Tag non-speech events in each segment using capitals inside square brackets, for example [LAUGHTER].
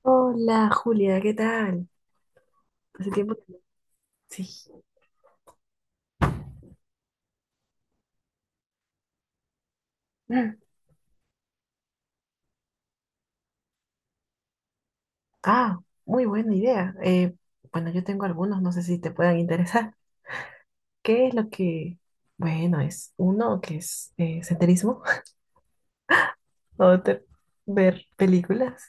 Hola Julia, ¿qué tal? Hace tiempo que no. Sí. Mm. Ah, muy buena idea. Bueno, yo tengo algunos, no sé si te puedan interesar. ¿Qué es lo que...? Bueno, es uno que es senderismo, [LAUGHS] otro ver películas,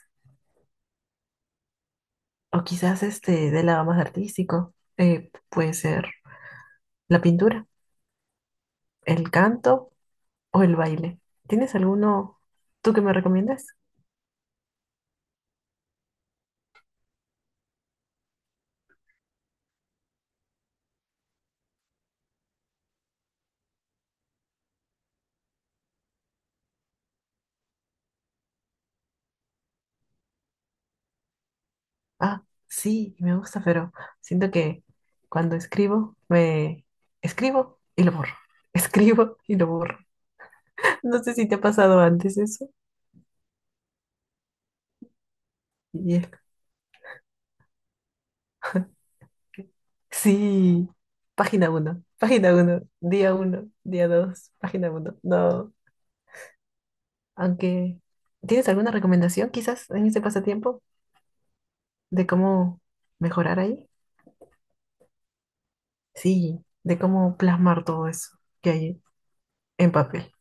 o quizás este del lado más artístico, puede ser la pintura, el canto o el baile. ¿Tienes alguno tú que me recomiendas? Ah, sí, me gusta, pero siento que cuando escribo, me escribo y lo borro. [LAUGHS] Escribo y lo borro. [LAUGHS] No sé si te ha pasado antes eso. Y es- [LAUGHS] Sí, página uno, día 2, página uno. No, aunque... ¿Tienes alguna recomendación quizás en ese pasatiempo de cómo mejorar ahí? Sí, de cómo plasmar todo eso que hay en papel.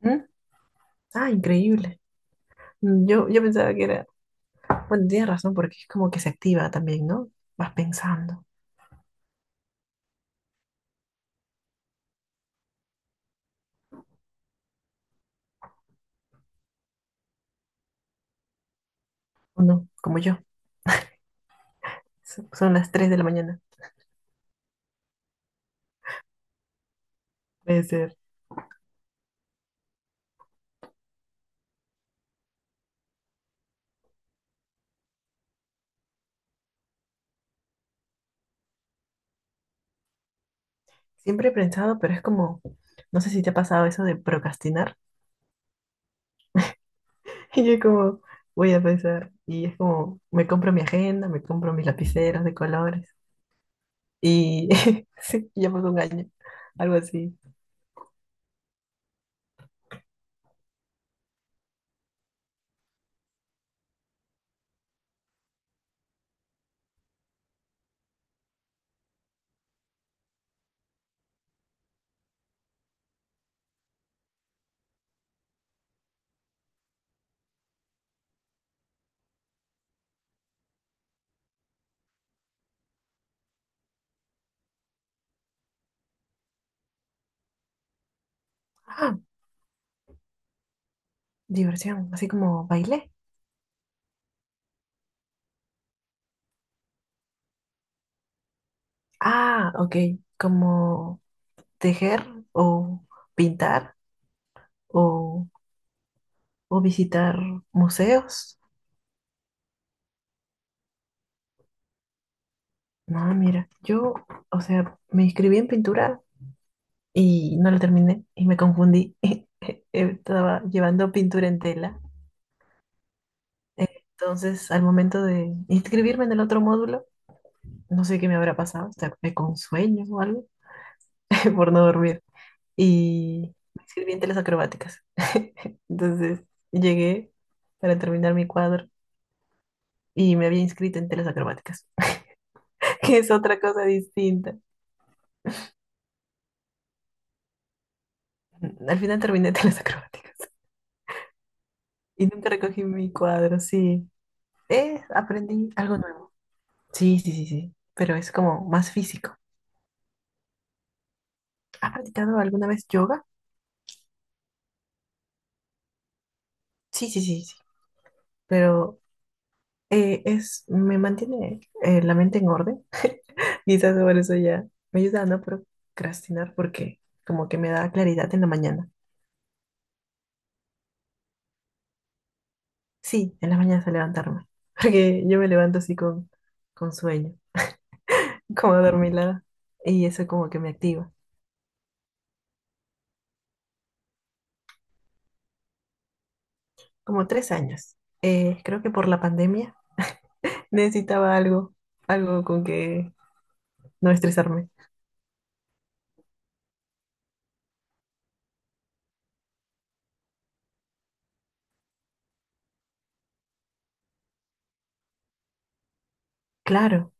¿Mm? Ah, increíble. Yo pensaba que era. Bueno, tienes razón, porque es como que se activa también, ¿no? Vas pensando, o no, como yo. Son las 3 de la mañana. Puede ser. Siempre he pensado, pero es como, no sé si te ha pasado eso de procrastinar. [LAUGHS] Y yo como, voy a pensar. Y es como, me compro mi agenda, me compro mis lapiceros de colores. Y [LAUGHS] sí, ya pasó un año. Algo así. Ah, diversión, así como bailé. Ah, ok, como tejer o pintar o o visitar museos. No, mira, yo, o sea, me inscribí en pintura y no la terminé y me confundí. [LAUGHS] Estaba llevando pintura en tela. Entonces, al momento de inscribirme en el otro módulo, no sé qué me habrá pasado, o sea, me con sueño o algo [LAUGHS] por no dormir. Y me inscribí en telas acrobáticas. [LAUGHS] Entonces, llegué para terminar mi cuadro y me había inscrito en telas acrobáticas, [LAUGHS] que es otra cosa distinta. Al final terminé telas acrobáticas. Y nunca recogí mi cuadro, sí. Aprendí algo nuevo. Sí, sí, sí, sí. Pero es como más físico. ¿Has practicado alguna vez yoga? Sí, sí, sí, sí. Pero me mantiene la mente en orden. [LAUGHS] Quizás por eso ya me ayuda a no procrastinar porque como que me da claridad en la mañana. Sí, en las mañanas a levantarme. [LAUGHS] Porque yo me levanto así con sueño, [LAUGHS] como adormilada. Y eso como que me activa. Como 3 años. Creo que por la pandemia. Necesitaba algo, algo con que no estresarme. Claro,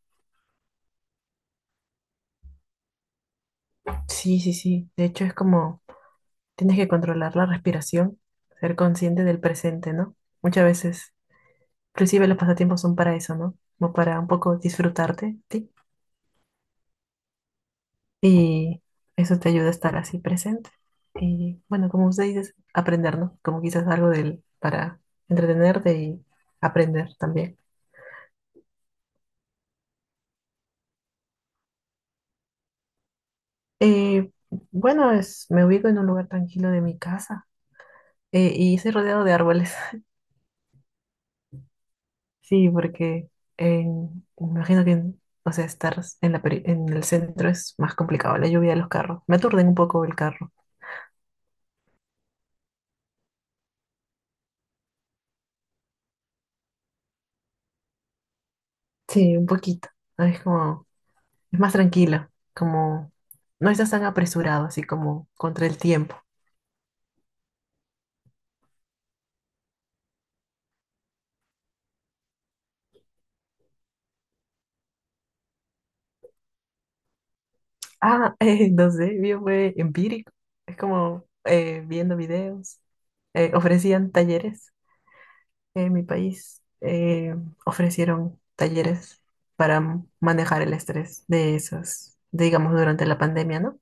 sí, sí, sí. De hecho, es como tienes que controlar la respiración, ser consciente del presente, ¿no? Muchas veces, inclusive los pasatiempos son para eso, ¿no? Como para un poco disfrutarte, ¿sí? Y eso te ayuda a estar así presente. Y bueno, como usted dice, aprender, ¿no? Como quizás algo del, para entretenerte y aprender también. Eh, bueno, me ubico en un lugar tranquilo de mi casa. Y estoy rodeado de árboles. [LAUGHS] Sí, porque me imagino que, o sea, estar en en el centro es más complicado, la lluvia de los carros. Me aturden un poco el carro. Sí, un poquito. ¿No? Es como, es más tranquilo, como no estás tan apresurado, así como contra el tiempo. Ah, [LAUGHS] no sé, yo fue empírico. Es como viendo videos. Ofrecían talleres en mi país. Ofrecieron talleres para manejar el estrés de esas, digamos, durante la pandemia, ¿no?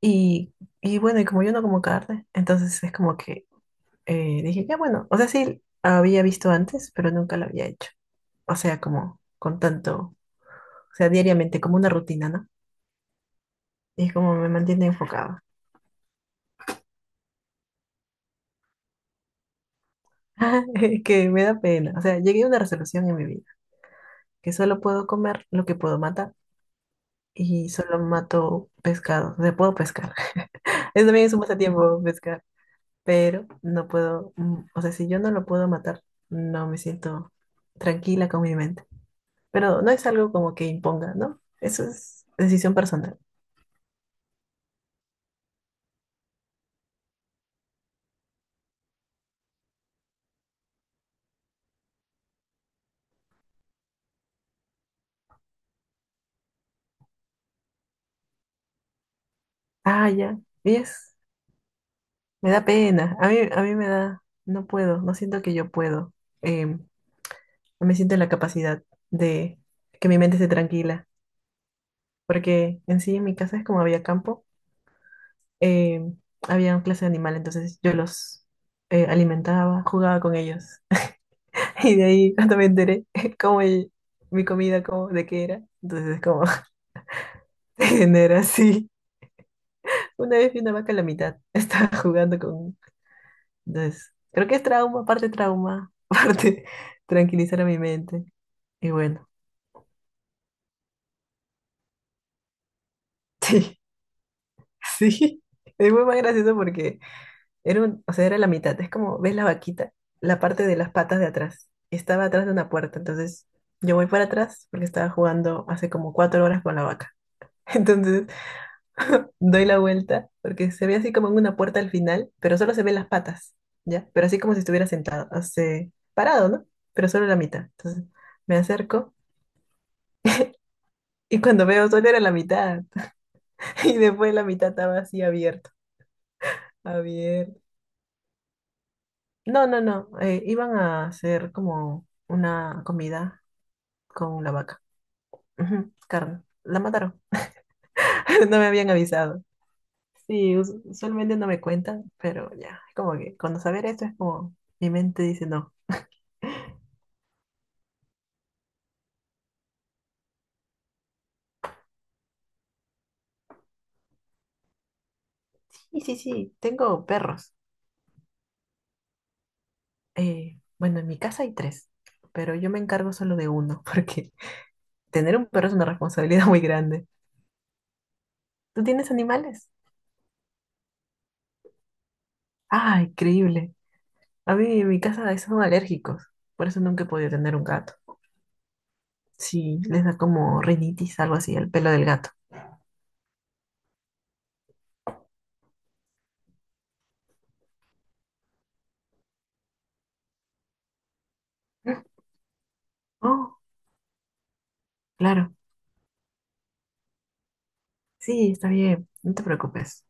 Y, y bueno, y como yo no como carne, entonces es como que dije, ya bueno, o sea, sí, había visto antes, pero nunca lo había hecho. O sea, como con tanto, o sea, diariamente, como una rutina, ¿no? Y es como me mantiene enfocada. [LAUGHS] Que me da pena. O sea, llegué a una resolución en mi vida, que solo puedo comer lo que puedo matar. Y solo mato pescado. O sea, puedo pescar. [LAUGHS] Eso también es un pasatiempo pescar, pero no puedo, o sea, si yo no lo puedo matar, no me siento tranquila con mi mente. Pero no es algo como que imponga, ¿no? Eso es decisión personal. Ah, ya. Y me da pena. A mí me da, no puedo, no siento que yo puedo. No me siento en la capacidad de que mi mente esté tranquila, porque en sí en mi casa es como había campo. eh, había una clase de animal, entonces yo los alimentaba, jugaba con ellos. [LAUGHS] Y de ahí cuando me enteré [LAUGHS] cómo mi comida, cómo, de qué era, entonces es como [LAUGHS] se genera así. Una vez vi una vaca a la mitad, [LAUGHS] estaba jugando con... Entonces, creo que es trauma, parte trauma, [LAUGHS] parte tranquilizar a mi mente. Y bueno, [LAUGHS] sí, sí. Es muy más gracioso porque o sea, era la mitad. Es como, ¿ves la vaquita? La parte de las patas de atrás. Estaba atrás de una puerta. Entonces, yo voy para atrás porque estaba jugando hace como 4 horas con la vaca. [LAUGHS] Entonces, [LAUGHS] doy la vuelta porque se ve así como en una puerta al final, pero solo se ven las patas, ¿ya? Pero así como si estuviera sentado, o sea, parado, ¿no? Pero solo la mitad. Entonces, me acerco y cuando veo solo era la mitad. [LAUGHS] Y después la mitad estaba así abierto. Abierto. No, no, no. Iban a hacer como una comida con la vaca. Ujú, carne. La mataron. [LAUGHS] No me habían avisado. Sí, usualmente no me cuentan, pero ya, es como que cuando saber esto es como mi mente dice no. Sí, sí, sí, tengo perros. Bueno, en mi casa hay tres, pero yo me encargo solo de uno, [LAUGHS] porque tener un perro es una responsabilidad muy grande. ¿Tú tienes animales? Ah, increíble. A mí en mi casa son alérgicos, por eso nunca he podido tener un gato. Sí, les da como rinitis, algo así, el pelo del gato. [LAUGHS] Oh, claro. Sí, está bien, no te preocupes.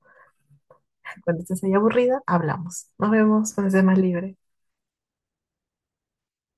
Cuando estés ahí aburrida, hablamos. Nos vemos cuando estés más libre.